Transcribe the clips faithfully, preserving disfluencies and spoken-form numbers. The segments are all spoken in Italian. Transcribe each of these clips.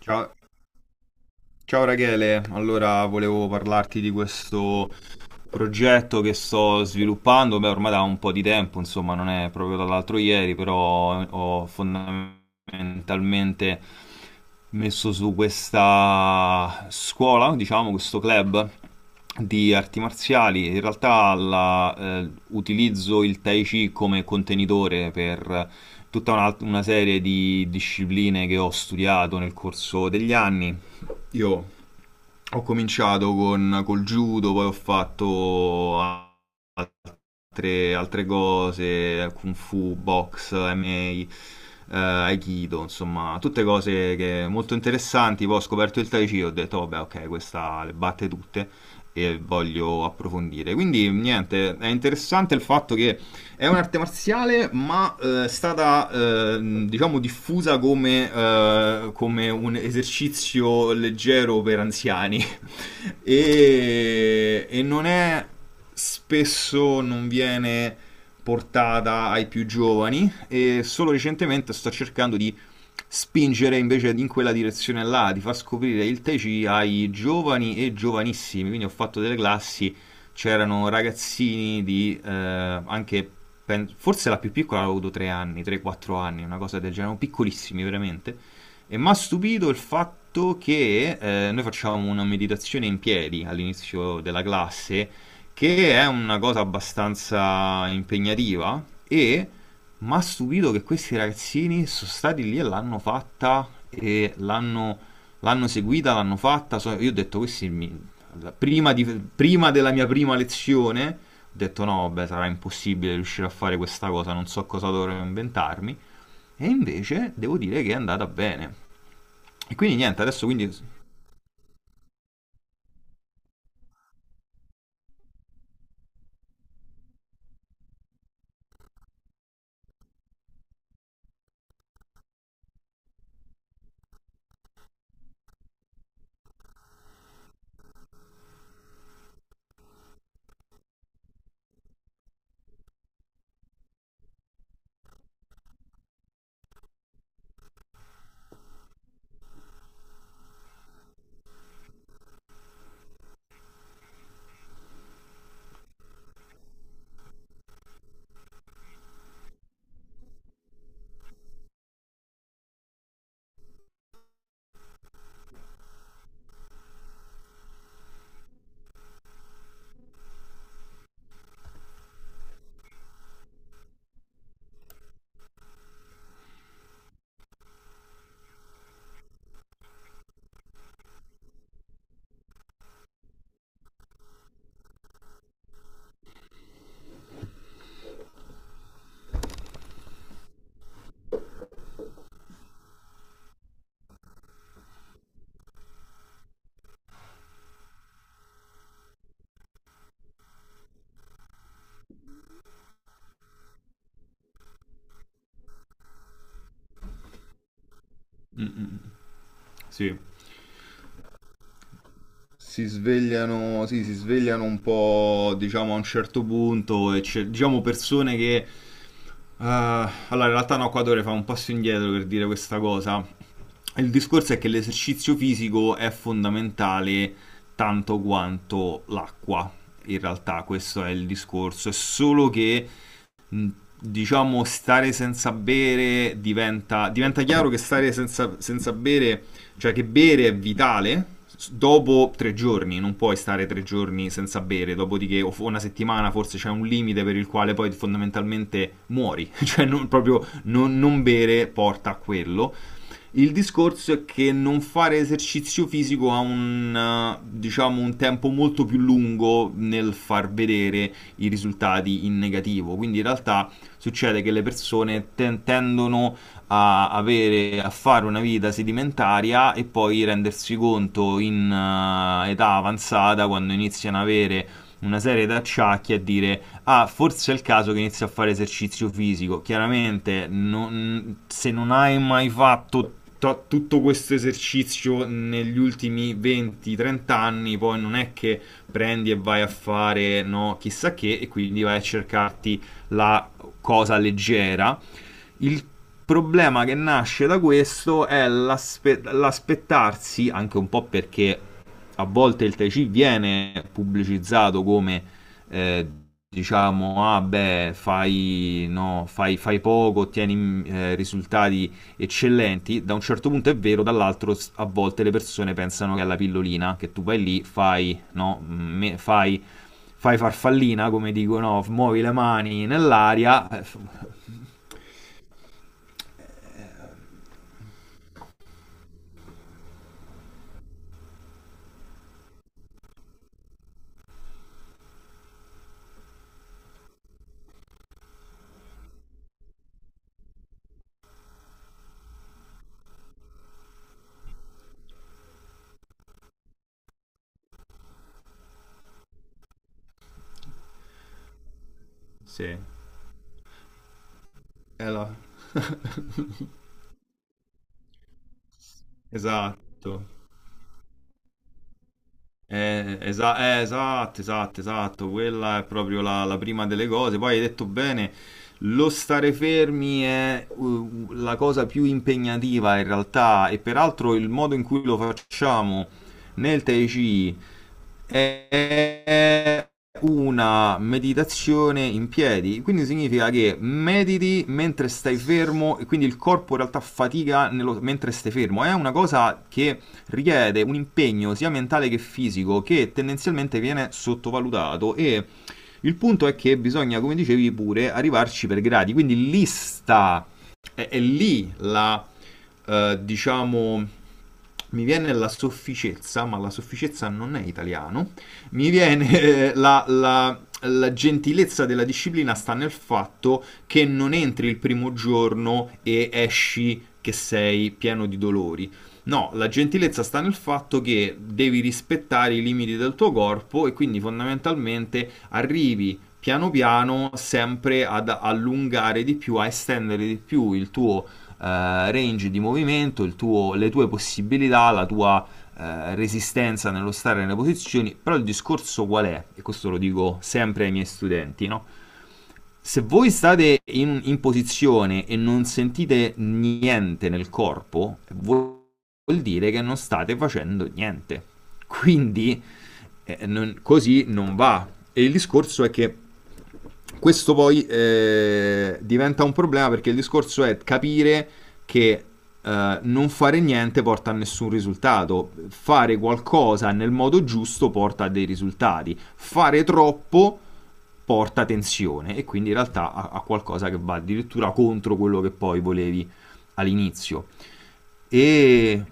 Ciao, ciao Rachele, allora volevo parlarti di questo progetto che sto sviluppando, beh ormai da un po' di tempo, insomma non è proprio dall'altro ieri, però ho fondamentalmente messo su questa scuola, diciamo questo club di arti marziali. In realtà la, eh, utilizzo il Tai Chi come contenitore per tutta una, una serie di discipline che ho studiato nel corso degli anni. Io ho cominciato con, col judo, poi ho fatto a- altre, altre cose, kung fu, box, M M A, eh, aikido, insomma, tutte cose che- molto interessanti. Poi ho scoperto il Tai Chi, ho detto, vabbè, ok, questa le batte tutte e voglio approfondire. Quindi, niente, è interessante il fatto che è un'arte marziale, ma eh, è eh, stata, eh, diciamo, diffusa come, eh, come un esercizio leggero per anziani. E, e non è spesso non viene portata ai più giovani e solo recentemente sto cercando di spingere invece in quella direzione là, di far scoprire il Tai Chi ai giovani e giovanissimi. Quindi ho fatto delle classi, c'erano ragazzini di eh, anche pen- forse la più piccola aveva avuto tre anni, tre quattro anni, una cosa del genere, erano piccolissimi veramente. E mi ha stupito il fatto che eh, noi facciamo una meditazione in piedi all'inizio della classe, che è una cosa abbastanza impegnativa, e mi ha stupito che questi ragazzini sono stati lì e l'hanno fatta e l'hanno, l'hanno seguita, l'hanno fatta. So- io ho detto, questi mi- la- prima, di- prima della mia prima lezione, ho detto no, vabbè, sarà impossibile riuscire a fare questa cosa, non so cosa dovrò inventarmi. E invece devo dire che è andata bene. E quindi niente, adesso quindi... Mm, mm, sì. Si svegliano, sì, si svegliano un po', diciamo, a un certo punto e c'è- diciamo persone che... eh, allora, in realtà no, qua dovrei fare un passo indietro per dire questa cosa. Il discorso è che l'esercizio fisico è fondamentale tanto quanto l'acqua. In realtà questo è il discorso, è solo che mh, diciamo, stare senza bere diventa... diventa chiaro che stare senza, senza bere, cioè che bere è vitale. S- dopo tre giorni, non puoi stare tre giorni senza bere, dopodiché o f- una settimana forse c'è un limite per il quale poi fondamentalmente muori, cioè non, proprio non, non bere porta a quello. Il discorso è che non fare esercizio fisico ha un, eh, diciamo, un tempo molto più lungo nel far vedere i risultati in negativo. Quindi in realtà succede che le persone ten- tendono a, avere, a fare una vita sedimentaria e poi rendersi conto in eh, età avanzata, quando iniziano ad avere una serie di acciacchi, a dire ah, forse è il caso che inizi a fare esercizio fisico. Chiaramente, non- se non hai mai fatto to- tutto questo esercizio negli ultimi venti trenta anni, poi non è che prendi e vai a fare, no, chissà che, e quindi vai a cercarti la cosa leggera. Il problema che nasce da questo è l'aspe- l'aspettarsi, anche un po' perché a volte il Tai Chi viene pubblicizzato come eh, diciamo, ah beh, fai, no, fai, fai poco, ottieni eh, risultati eccellenti, da un certo punto è vero, dall'altro s- a volte le persone pensano che è la pillolina, che tu vai lì, fai, no, mm, me- fai, fai farfallina, come dicono, muovi le mani nell'aria, eh, f- Sì. Eh là. Esatto. Eh, esa- eh, esatto, esatto, esatto. Quella è proprio la, la prima delle cose. Poi hai detto bene, lo stare fermi è uh, la cosa più impegnativa in realtà e peraltro il modo in cui lo facciamo nel Tai Chi è una meditazione in piedi, quindi significa che mediti mentre stai fermo e quindi il corpo in realtà fatica nello- mentre stai fermo. È una cosa che richiede un impegno sia mentale che fisico che tendenzialmente viene sottovalutato, e il punto è che bisogna, come dicevi pure, arrivarci per gradi, quindi lista è, è lì la, eh, diciamo, mi viene la sofficezza, ma la sofficezza non è italiano, mi viene eh, la, la- la gentilezza della disciplina sta nel fatto che non entri il primo giorno e esci che sei pieno di dolori. No, la gentilezza sta nel fatto che devi rispettare i limiti del tuo corpo e quindi fondamentalmente arrivi piano piano sempre ad allungare di più, a estendere di più il tuo eh, range di movimento, il tuo- le tue possibilità, la tua eh, resistenza nello stare nelle posizioni. Però il discorso qual è? E questo lo dico sempre ai miei studenti, no? Se voi state in, in posizione e non sentite niente nel corpo, voi vuol dire che non state facendo niente. Quindi eh, non- così non va. E il discorso è che questo poi eh, diventa un problema, perché il discorso è capire che eh, non fare niente porta a nessun risultato, fare qualcosa nel modo giusto porta a dei risultati, fare troppo porta tensione e quindi in realtà a, a qualcosa che va addirittura contro quello che poi volevi all'inizio. E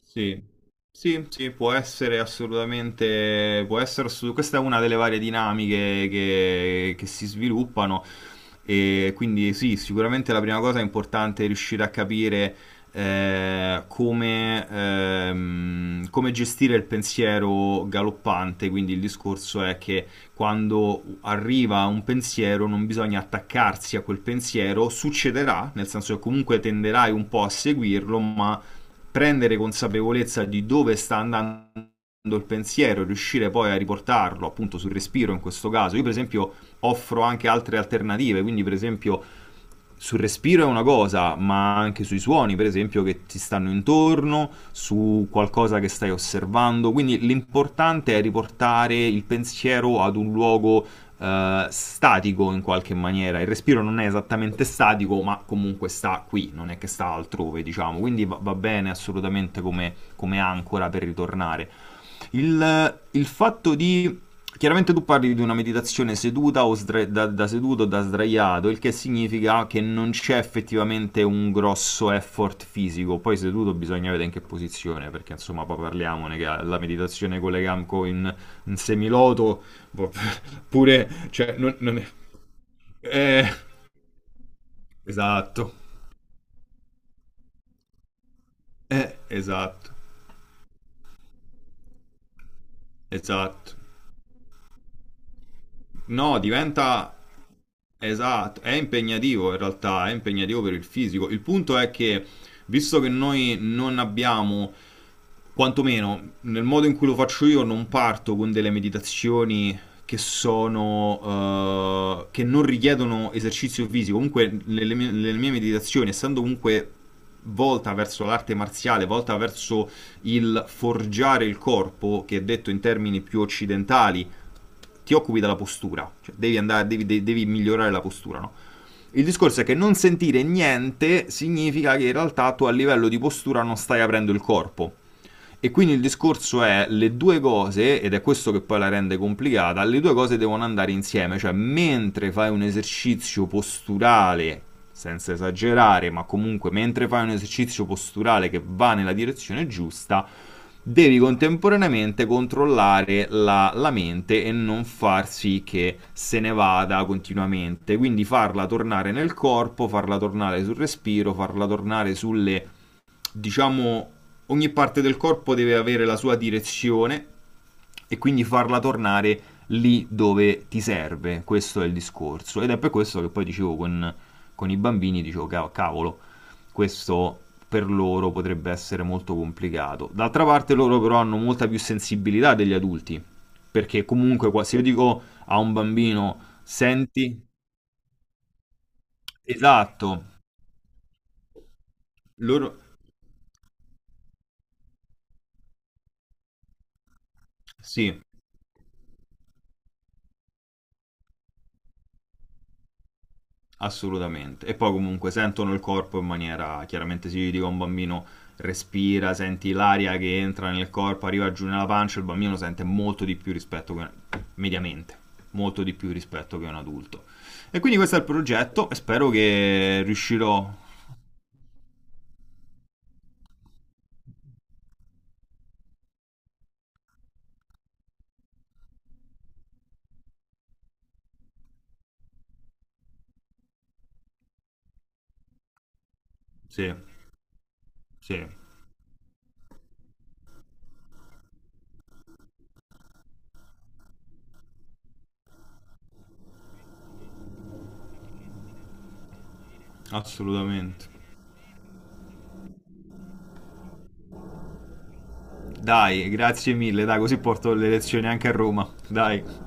Sì, sì, sì, può essere assolutamente, può essere assolut- questa è una delle varie dinamiche che, che si sviluppano, e quindi sì, sicuramente la prima cosa è importante riuscire a capire eh, come, ehm, come gestire il pensiero galoppante. Quindi il discorso è che quando arriva un pensiero non bisogna attaccarsi a quel pensiero, succederà, nel senso che comunque tenderai un po' a seguirlo, ma prendere consapevolezza di dove sta andando il pensiero, riuscire poi a riportarlo appunto sul respiro in questo caso. Io per esempio offro anche altre alternative, quindi per esempio sul respiro è una cosa, ma anche sui suoni, per esempio, che ti stanno intorno, su qualcosa che stai osservando. Quindi l'importante è riportare il pensiero ad un luogo eh, statico in qualche maniera. Il respiro non è esattamente statico, ma comunque sta qui, non è che sta altrove, diciamo. Quindi va, va bene assolutamente come, come ancora per ritornare. Il, il fatto di Chiaramente tu parli di una meditazione seduta o sdra- da, da seduto o da sdraiato, il che significa che non c'è effettivamente un grosso effort fisico. Poi seduto bisogna vedere in che posizione, perché insomma poi parliamone che la meditazione con le gambe in, in semiloto, boh, pure, cioè, non, non è... Eh, esatto, eh, esatto, esatto. No, diventa... Esatto, è impegnativo in realtà, è impegnativo per il fisico. Il punto è che, visto che noi non abbiamo, quantomeno nel modo in cui lo faccio io, non parto con delle meditazioni che sono eh, che non richiedono esercizio fisico. Comunque, nelle mie, nelle mie meditazioni, essendo comunque volta verso l'arte marziale, volta verso il forgiare il corpo, che detto in termini più occidentali ti occupi della postura, cioè devi, andare, devi, de- devi migliorare la postura. No? Il discorso è che non sentire niente significa che in realtà tu a livello di postura non stai aprendo il corpo. E quindi il discorso è le due cose, ed è questo che poi la rende complicata, le due cose devono andare insieme, cioè mentre fai un esercizio posturale, senza esagerare, ma comunque mentre fai un esercizio posturale che va nella direzione giusta, devi contemporaneamente controllare la, la mente e non far sì che se ne vada continuamente, quindi farla tornare nel corpo, farla tornare sul respiro, farla tornare sulle diciamo, ogni parte del corpo deve avere la sua direzione e quindi farla tornare lì dove ti serve. Questo è il discorso. Ed è per questo che poi dicevo con, con i bambini, dicevo, "Ca- cavolo, questo per loro potrebbe essere molto complicato." D'altra parte loro però hanno molta più sensibilità degli adulti, perché comunque qua- se io dico a un bambino, senti, esatto, loro... Sì, assolutamente. E poi comunque sentono il corpo in maniera, chiaramente si dica un bambino respira, senti l'aria che entra nel corpo, arriva giù nella pancia, il bambino sente molto di più rispetto che mediamente, molto di più rispetto che un adulto. E quindi questo è il progetto e spero che riuscirò. Sì, sì, assolutamente. Dai, grazie mille, dai, così porto le lezioni anche a Roma. Dai.